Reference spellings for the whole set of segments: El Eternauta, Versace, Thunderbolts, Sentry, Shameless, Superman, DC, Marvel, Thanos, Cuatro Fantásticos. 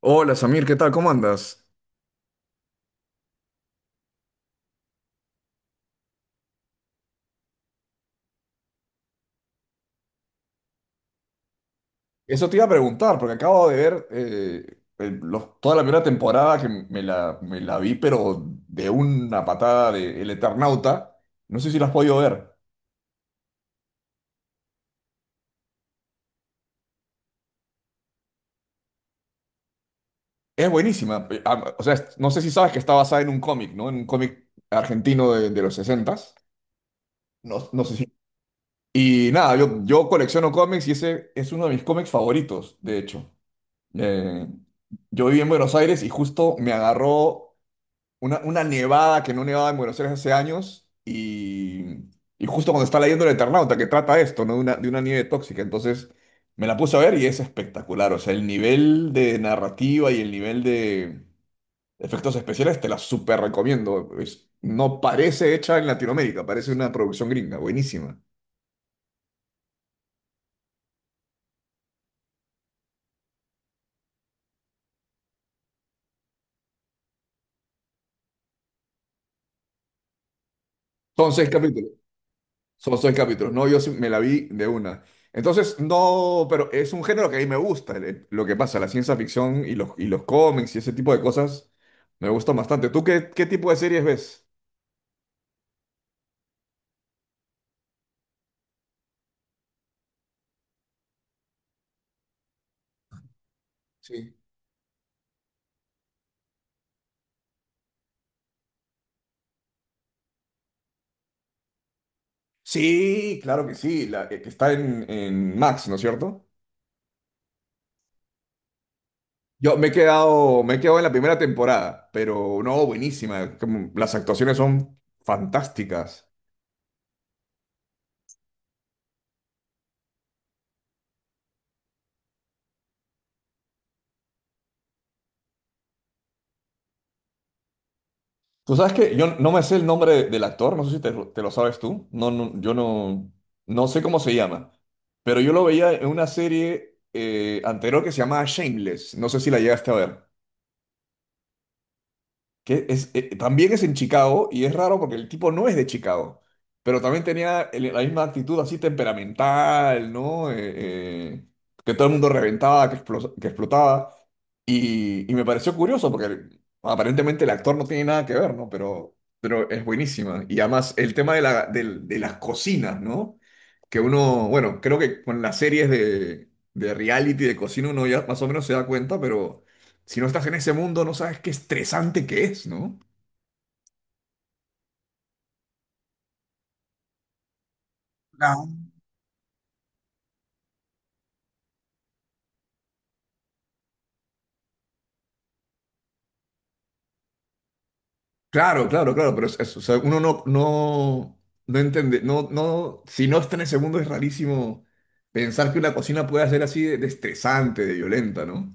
Hola Samir, ¿qué tal? ¿Cómo andas? Eso te iba a preguntar, porque acabo de ver toda la primera temporada que me la vi, pero de una patada de El Eternauta. No sé si la has podido ver. Es buenísima. O sea, no sé si sabes que está basada en un cómic, ¿no? En un cómic argentino de los sesentas. No, no sé si. Y nada, yo colecciono cómics y ese es uno de mis cómics favoritos, de hecho. Eh, yo viví en Buenos Aires y justo me agarró una nevada que no nevaba en Buenos Aires hace años y justo cuando está leyendo El Eternauta, que trata esto, ¿no? De de una nieve tóxica. Entonces me la puse a ver y es espectacular. O sea, el nivel de narrativa y el nivel de efectos especiales, te la súper recomiendo. No parece hecha en Latinoamérica, parece una producción gringa, buenísima. Son seis capítulos. Son seis capítulos. No, yo sí me la vi de una. Entonces, no, pero es un género que a mí me gusta. Lo que pasa, la ciencia ficción y los cómics y ese tipo de cosas me gustan bastante. ¿Tú qué, qué tipo de series ves? Sí. Sí, claro que sí, la que está en Max, ¿no es cierto? Yo me he quedado en la primera temporada, pero no, buenísima. Las actuaciones son fantásticas. Tú sabes que yo no me sé el nombre del actor, no sé si te, lo te lo sabes tú. No, no, yo no, no sé cómo se llama. Pero yo lo veía en una serie anterior que se llamaba Shameless. No sé si la llegaste a ver, que es, también es en Chicago y es raro porque el tipo no es de Chicago, pero también tenía la misma actitud así temperamental, ¿no? Eh, que todo el mundo reventaba, que explotaba. Y me pareció curioso porque aparentemente el actor no tiene nada que ver, ¿no? Pero es buenísima. Y además el tema de las cocinas, ¿no? Que uno, bueno, creo que con las series de reality, de cocina, uno ya más o menos se da cuenta, pero si no estás en ese mundo, no sabes qué estresante que es, ¿no? Claro. Claro, claro, claro, pero o sea, uno no, no, no entiende, no, no, si no está en ese mundo es rarísimo pensar que una cocina pueda ser así de estresante, de violenta, ¿no?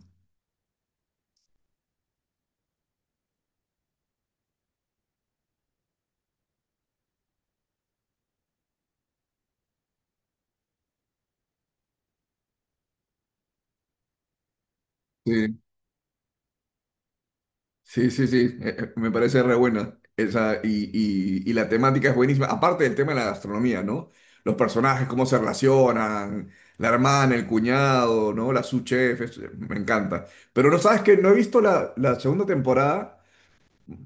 Sí. Sí, sí, sí, me parece re buena esa, y la temática es buenísima, aparte del tema de la gastronomía, ¿no? Los personajes, cómo se relacionan, la hermana, el cuñado, ¿no? La sous chef, me encanta. Pero no sabes que no he visto la segunda temporada,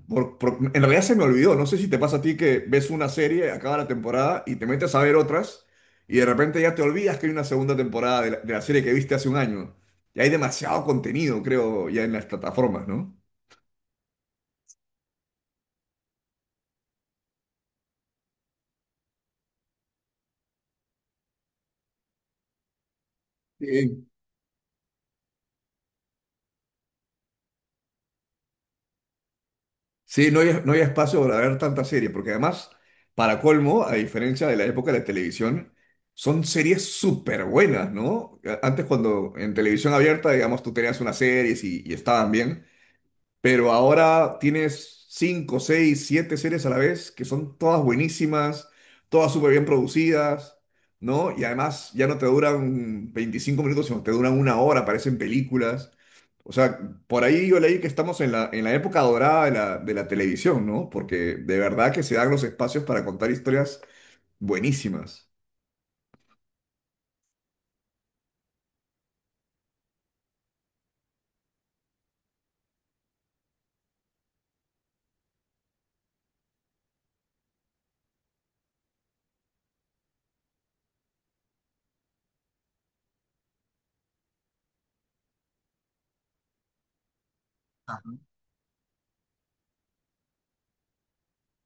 en realidad se me olvidó, no sé si te pasa a ti que ves una serie, acaba la temporada y te metes a ver otras y de repente ya te olvidas que hay una segunda temporada de de la serie que viste hace un año. Y hay demasiado contenido, creo, ya en las plataformas, ¿no? Sí. Sí, no hay espacio para ver tantas series, porque además, para colmo, a diferencia de la época de la televisión, son series súper buenas, ¿no? Antes cuando en televisión abierta, digamos, tú tenías unas series y estaban bien, pero ahora tienes cinco, seis, siete series a la vez que son todas buenísimas, todas súper bien producidas, ¿no? Y además ya no te duran 25 minutos, sino te duran una hora, parecen películas. O sea, por ahí yo leí que estamos en en la época dorada de de la televisión, ¿no? Porque de verdad que se dan los espacios para contar historias buenísimas.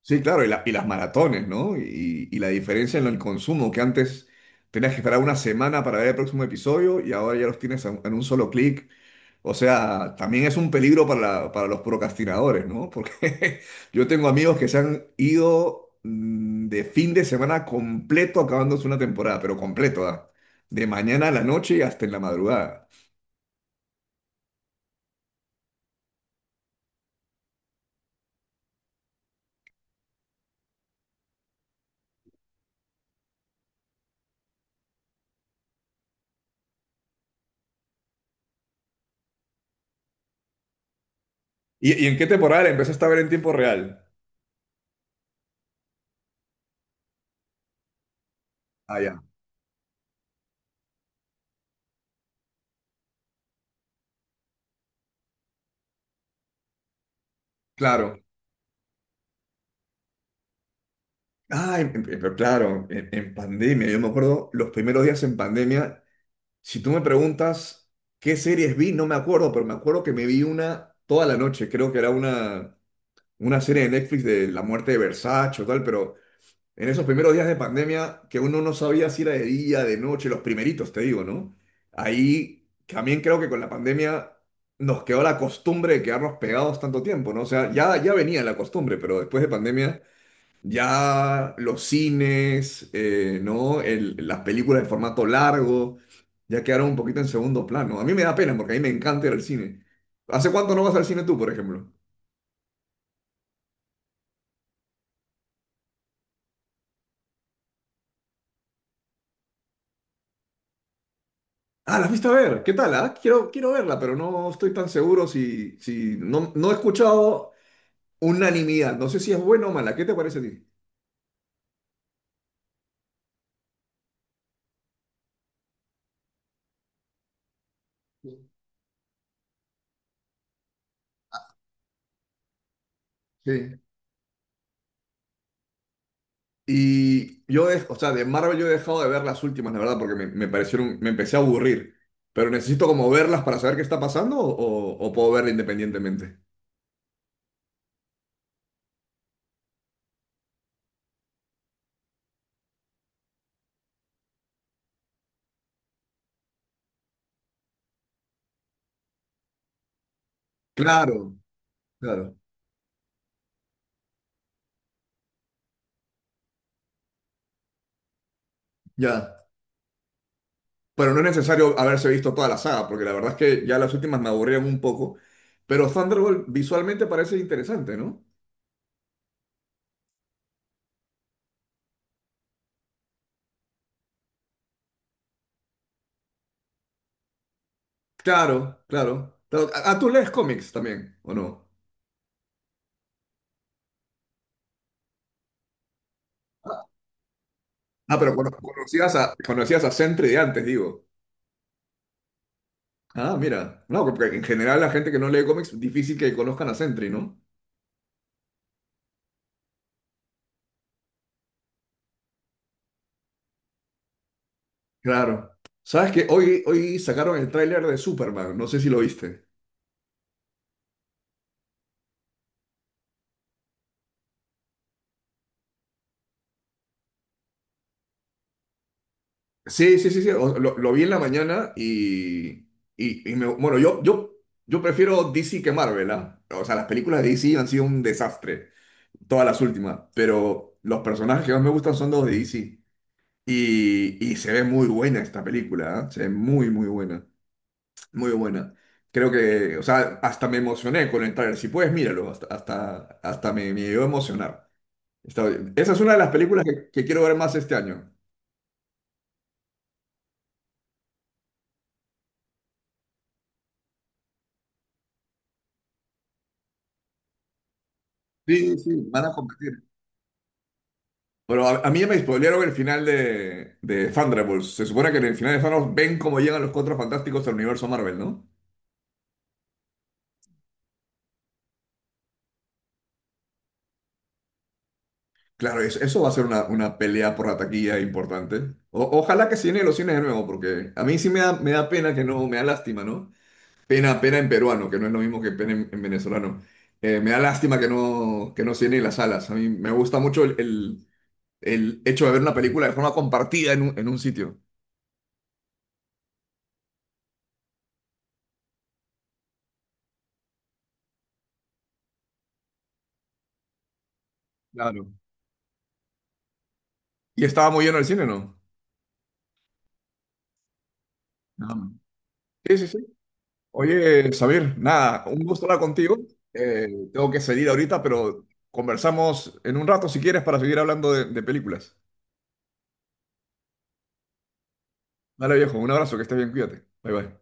Sí, claro, y, y las maratones, ¿no? Y la diferencia en el consumo, que antes tenías que esperar una semana para ver el próximo episodio y ahora ya los tienes en un solo clic. O sea, también es un peligro para, para los procrastinadores, ¿no? Porque yo tengo amigos que se han ido de fin de semana completo acabándose una temporada, pero completo, ¿ah? De mañana a la noche y hasta en la madrugada. Y en qué temporada la empezaste a ver en tiempo real? Ah, ya, claro. Ah, pero claro, en pandemia, yo me acuerdo los primeros días en pandemia, si tú me preguntas qué series vi, no me acuerdo, pero me acuerdo que me vi una toda la noche, creo que era una serie de Netflix de la muerte de Versace o tal, pero en esos primeros días de pandemia, que uno no sabía si era de día, de noche, los primeritos, te digo, ¿no? Ahí también creo que con la pandemia nos quedó la costumbre de quedarnos pegados tanto tiempo, ¿no? O sea, ya, ya venía la costumbre, pero después de pandemia ya los cines, ¿no? Las películas de formato largo ya quedaron un poquito en segundo plano. A mí me da pena porque a mí me encanta ir al cine. ¿Hace cuánto no vas al cine tú, por ejemplo? Ah, la fuiste a ver. ¿Qué tal? ¿Ah? Quiero, quiero verla, pero no estoy tan seguro si, si no, no he escuchado unanimidad. No sé si es buena o mala. ¿Qué te parece a ti? Sí. Sí. Y yo, o sea, de Marvel yo he dejado de ver las últimas, la verdad, porque me parecieron, me empecé a aburrir. Pero necesito como verlas para saber qué está pasando o puedo verla independientemente. Claro, claro, ya. Pero no es necesario haberse visto toda la saga, porque la verdad es que ya las últimas me aburrieron un poco. Pero Thunderbolt visualmente parece interesante, ¿no? Claro, claro, claro. Ah, ah, tú lees cómics también, ¿o no? Ah, pero conocías a, conocías a Sentry de antes, digo. Ah, mira. No, porque en general la gente que no lee cómics, difícil que conozcan a Sentry, ¿no? Claro. ¿Sabes que hoy, hoy sacaron el tráiler de Superman? No sé si lo viste. Sí, sí, sí, sí. Lo vi en la mañana y bueno, yo prefiero DC que Marvel, ¿ah? O sea, las películas de DC han sido un desastre, todas las últimas, pero los personajes que más me gustan son los de DC. Y se ve muy buena esta película, ¿ah? Se ve muy, muy buena. Muy buena. Creo que, o sea, hasta me emocioné con el tráiler. Si puedes, míralo. Hasta, hasta, hasta me, me llegó a emocionar. Está bien, esa es una de las películas que quiero ver más este año. Sí, sí, van a competir. Pero a mí ya me spoilearon el final de Thunderbolts. Se supone que en el final de Thanos ven cómo llegan los Cuatro Fantásticos al universo Marvel, ¿no? Claro, eso va a ser una pelea por la taquilla importante. Ojalá que se llene los cines de nuevo, porque a mí sí me da pena que no, me da lástima, ¿no? Pena, pena en peruano, que no es lo mismo que pena en venezolano. Me da lástima que no se las salas. A mí me gusta mucho el hecho de ver una película de forma compartida en un sitio. Claro. Y estaba muy lleno el cine, ¿no? No. Sí, sí, sí. Oye, Xavier, nada, un gusto hablar contigo. Eh, tengo que salir ahorita, pero conversamos en un rato si quieres para seguir hablando de películas. Dale, viejo, un abrazo, que estés bien, cuídate. Bye, bye.